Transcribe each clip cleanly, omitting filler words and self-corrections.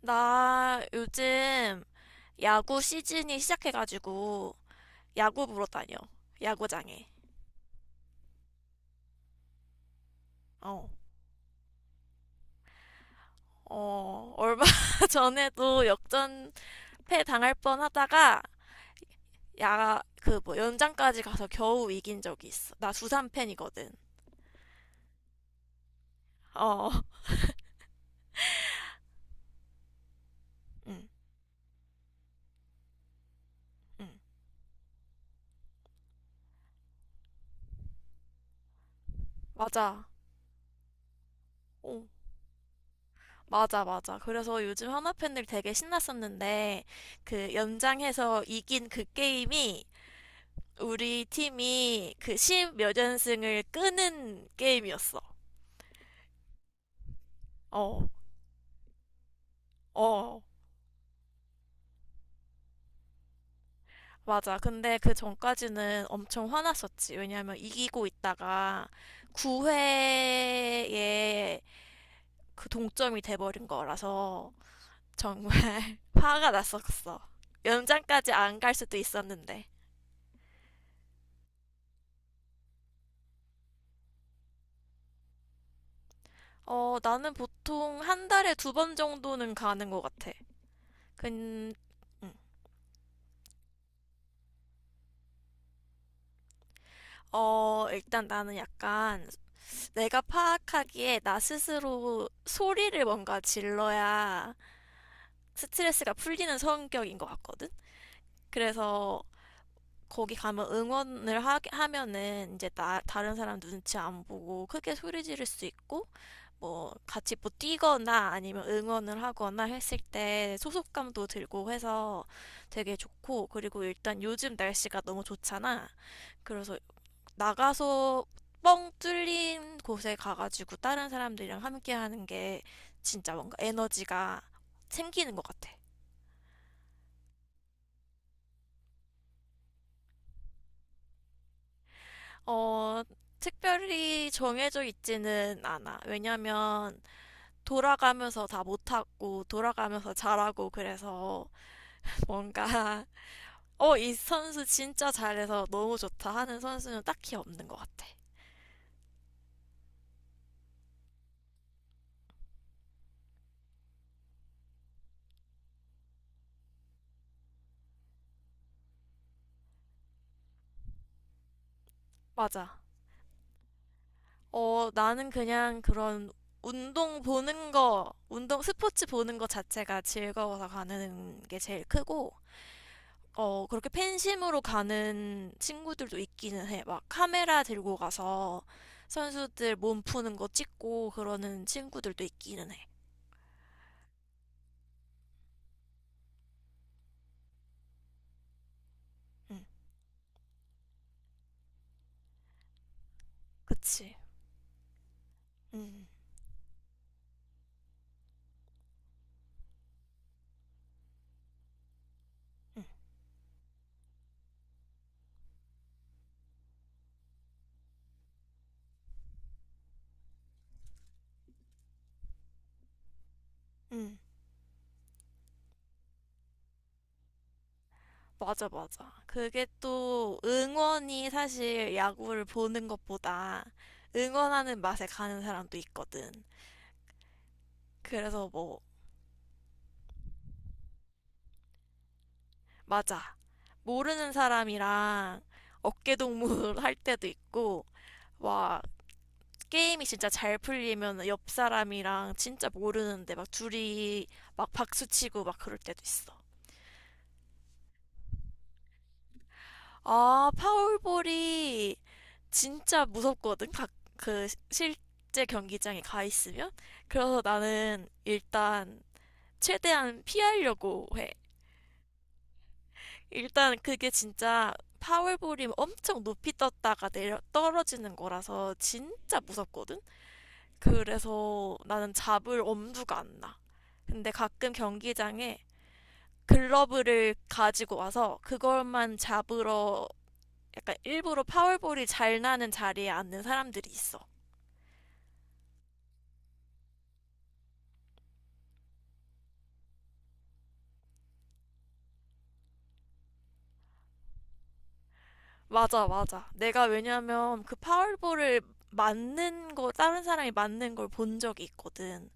나 요즘 야구 시즌이 시작해가지고 야구 보러 다녀. 야구장에. 어. 어, 얼마 전에도 역전패 당할 뻔 하다가 야, 그 뭐 연장까지 가서 겨우 이긴 적이 있어. 나 두산 팬이거든. 어. 응. 응. 맞아. 어. 맞아, 맞아. 그래서 요즘 한화 팬들 되게 신났었는데 그 연장해서 이긴 그 게임이 우리 팀이 그 십몇 연승을 끄는 게임이었어. 어, 어, 맞아. 근데 그 전까지는 엄청 화났었지. 왜냐면 이기고 있다가 9회에 그 동점이 돼버린 거라서 정말 화가 났었어. 연장까지 안 갈 수도 있었는데. 어, 나는 보통 한 달에 2번 정도는 가는 것 같아. 근, 음. 어, 일단 나는 약간 내가 파악하기에 나 스스로 소리를 뭔가 질러야 스트레스가 풀리는 성격인 것 같거든? 그래서 거기 가면 응원을 하면은 이제 다른 사람 눈치 안 보고 크게 소리 지를 수 있고 뭐 같이 뭐 뛰거나 아니면 응원을 하거나 했을 때 소속감도 들고 해서 되게 좋고, 그리고 일단 요즘 날씨가 너무 좋잖아. 그래서 나가서 뻥 뚫린 곳에 가가지고 다른 사람들이랑 함께 하는 게 진짜 뭔가 에너지가 생기는 것 같아. 어, 특별히 정해져 있지는 않아. 왜냐면 돌아가면서 다 못하고 돌아가면서 잘하고 그래서 뭔가 어, 이 선수 진짜 잘해서 너무 좋다 하는 선수는 딱히 없는 것 같아. 맞아. 어, 나는 그냥 그런 운동 보는 거, 운동 스포츠 보는 거 자체가 즐거워서 가는 게 제일 크고, 어, 그렇게 팬심으로 가는 친구들도 있기는 해. 막 카메라 들고 가서 선수들 몸 푸는 거 찍고 그러는 친구들도 있기는 해. 응, 그치. 응, 응, 응. 맞아, 맞아. 그게 또 응원이, 사실 야구를 보는 것보다 응원하는 맛에 가는 사람도 있거든. 그래서 뭐 맞아. 모르는 사람이랑 어깨동무 할 때도 있고, 와, 게임이 진짜 잘 풀리면 옆 사람이랑 진짜 모르는데 막 둘이 막 박수치고 막 그럴 때도 있어. 아, 파울볼이 진짜 무섭거든. 그 시- 실제 경기장에 가 있으면. 그래서 나는 일단 최대한 피하려고 해. 일단 그게 진짜 파울볼이 엄청 높이 떴다가 내려 떨어지는 거라서 진짜 무섭거든? 그래서 나는 잡을 엄두가 안 나. 근데 가끔 경기장에 글러브를 가지고 와서 그걸만 잡으러 약간 일부러 파울볼이 잘 나는 자리에 앉는 사람들이 있어. 맞아, 맞아. 내가 왜냐면 그 파울볼을 맞는 거, 다른 사람이 맞는 걸 본 적이 있거든.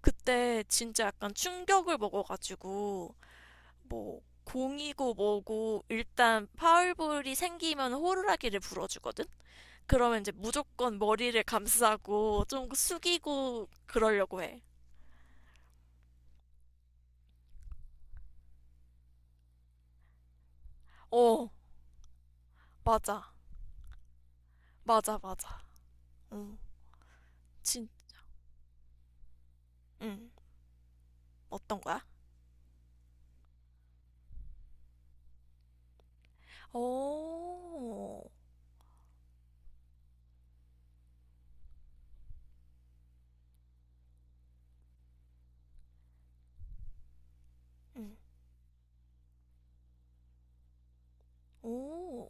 그때 진짜 약간 충격을 먹어가지고 뭐 공이고 뭐고 일단 파울볼이 생기면 호루라기를 불어주거든? 그러면 이제 무조건 머리를 감싸고 좀 숙이고 그러려고 해. 어, 맞아. 맞아, 맞아. 응, 진, 응. 어떤 거야? 오, 응, 오,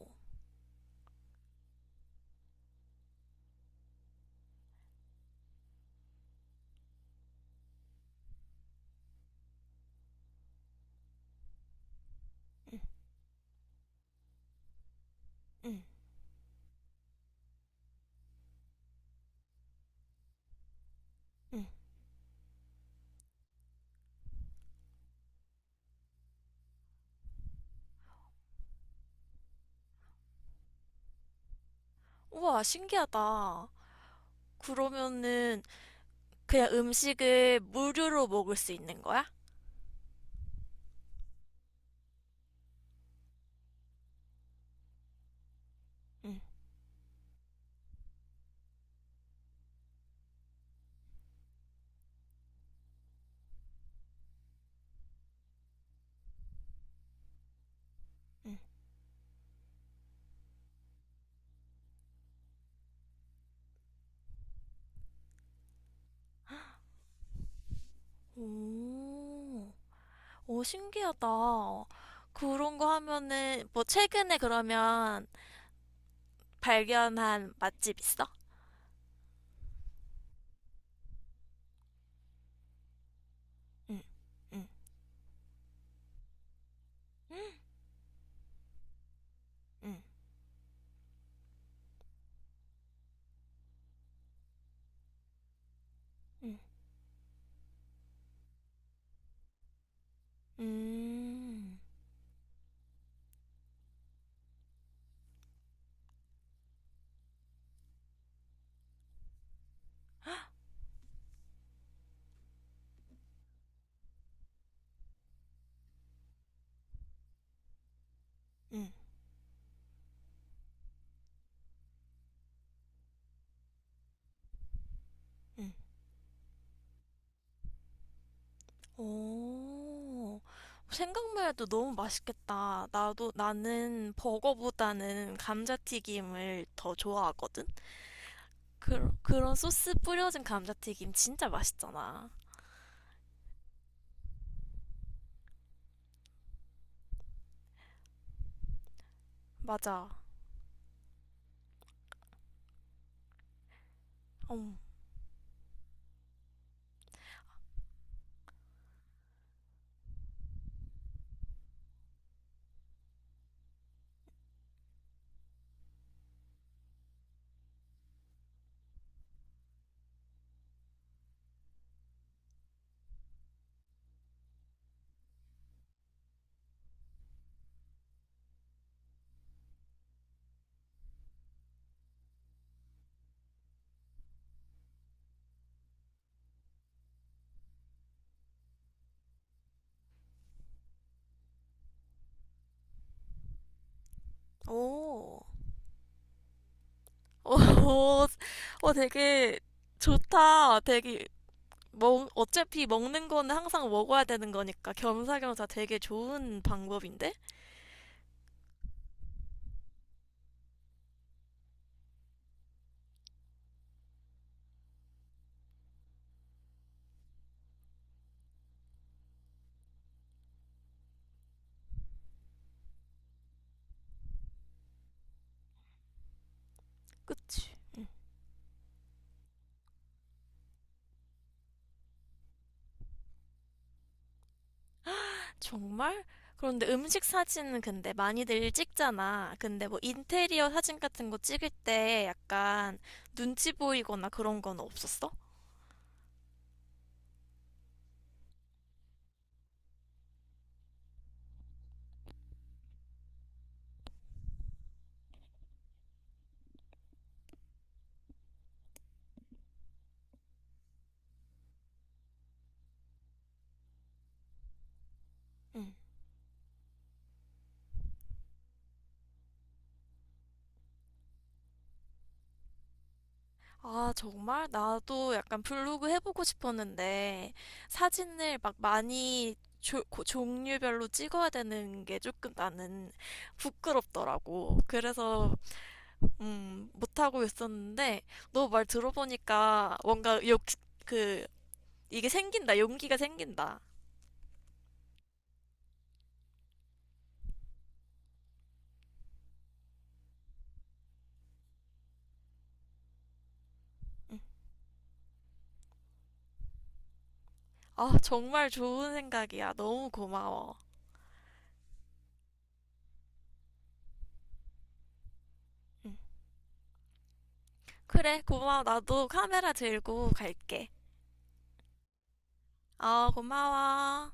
응, 응, 응. 우와, 신기하다. 그러면은 그냥 음식을 무료로 먹을 수 있는 거야? 응, 응. 오. 오, 신기하다. 그런 거 하면은, 뭐, 최근에 그러면 발견한 맛집 있어? 응, 응, 응, 응, 음, 응, 응. 오, 생각만 해도 너무 맛있겠다. 나도, 나는 버거보다는 감자튀김을 더 좋아하거든? 그, 그런 소스 뿌려진 감자튀김 진짜 맛있잖아. 맞아. 음. 오. 어, 어, 되게 좋다. 되게 먹, 어차피 먹는 거는 항상 먹어야 되는 거니까 겸사겸사 되게 좋은 방법인데? 그치? 응. 정말? 그런데 음식 사진은 근데 많이들 찍잖아. 근데 뭐 인테리어 사진 같은 거 찍을 때 약간 눈치 보이거나 그런 건 없었어? 응. 아, 정말? 나도 약간 블로그 해보고 싶었는데, 사진을 막 많이 종류별로 찍어야 되는 게 조금 나는 부끄럽더라고. 그래서, 못하고 있었는데, 너 말 들어보니까 뭔가 그, 이게 생긴다, 용기가 생긴다. 응. 아, 정말 좋은 생각이야. 너무 고마워. 응. 그래, 고마워. 나도 카메라 들고 갈게. 아, 고마워.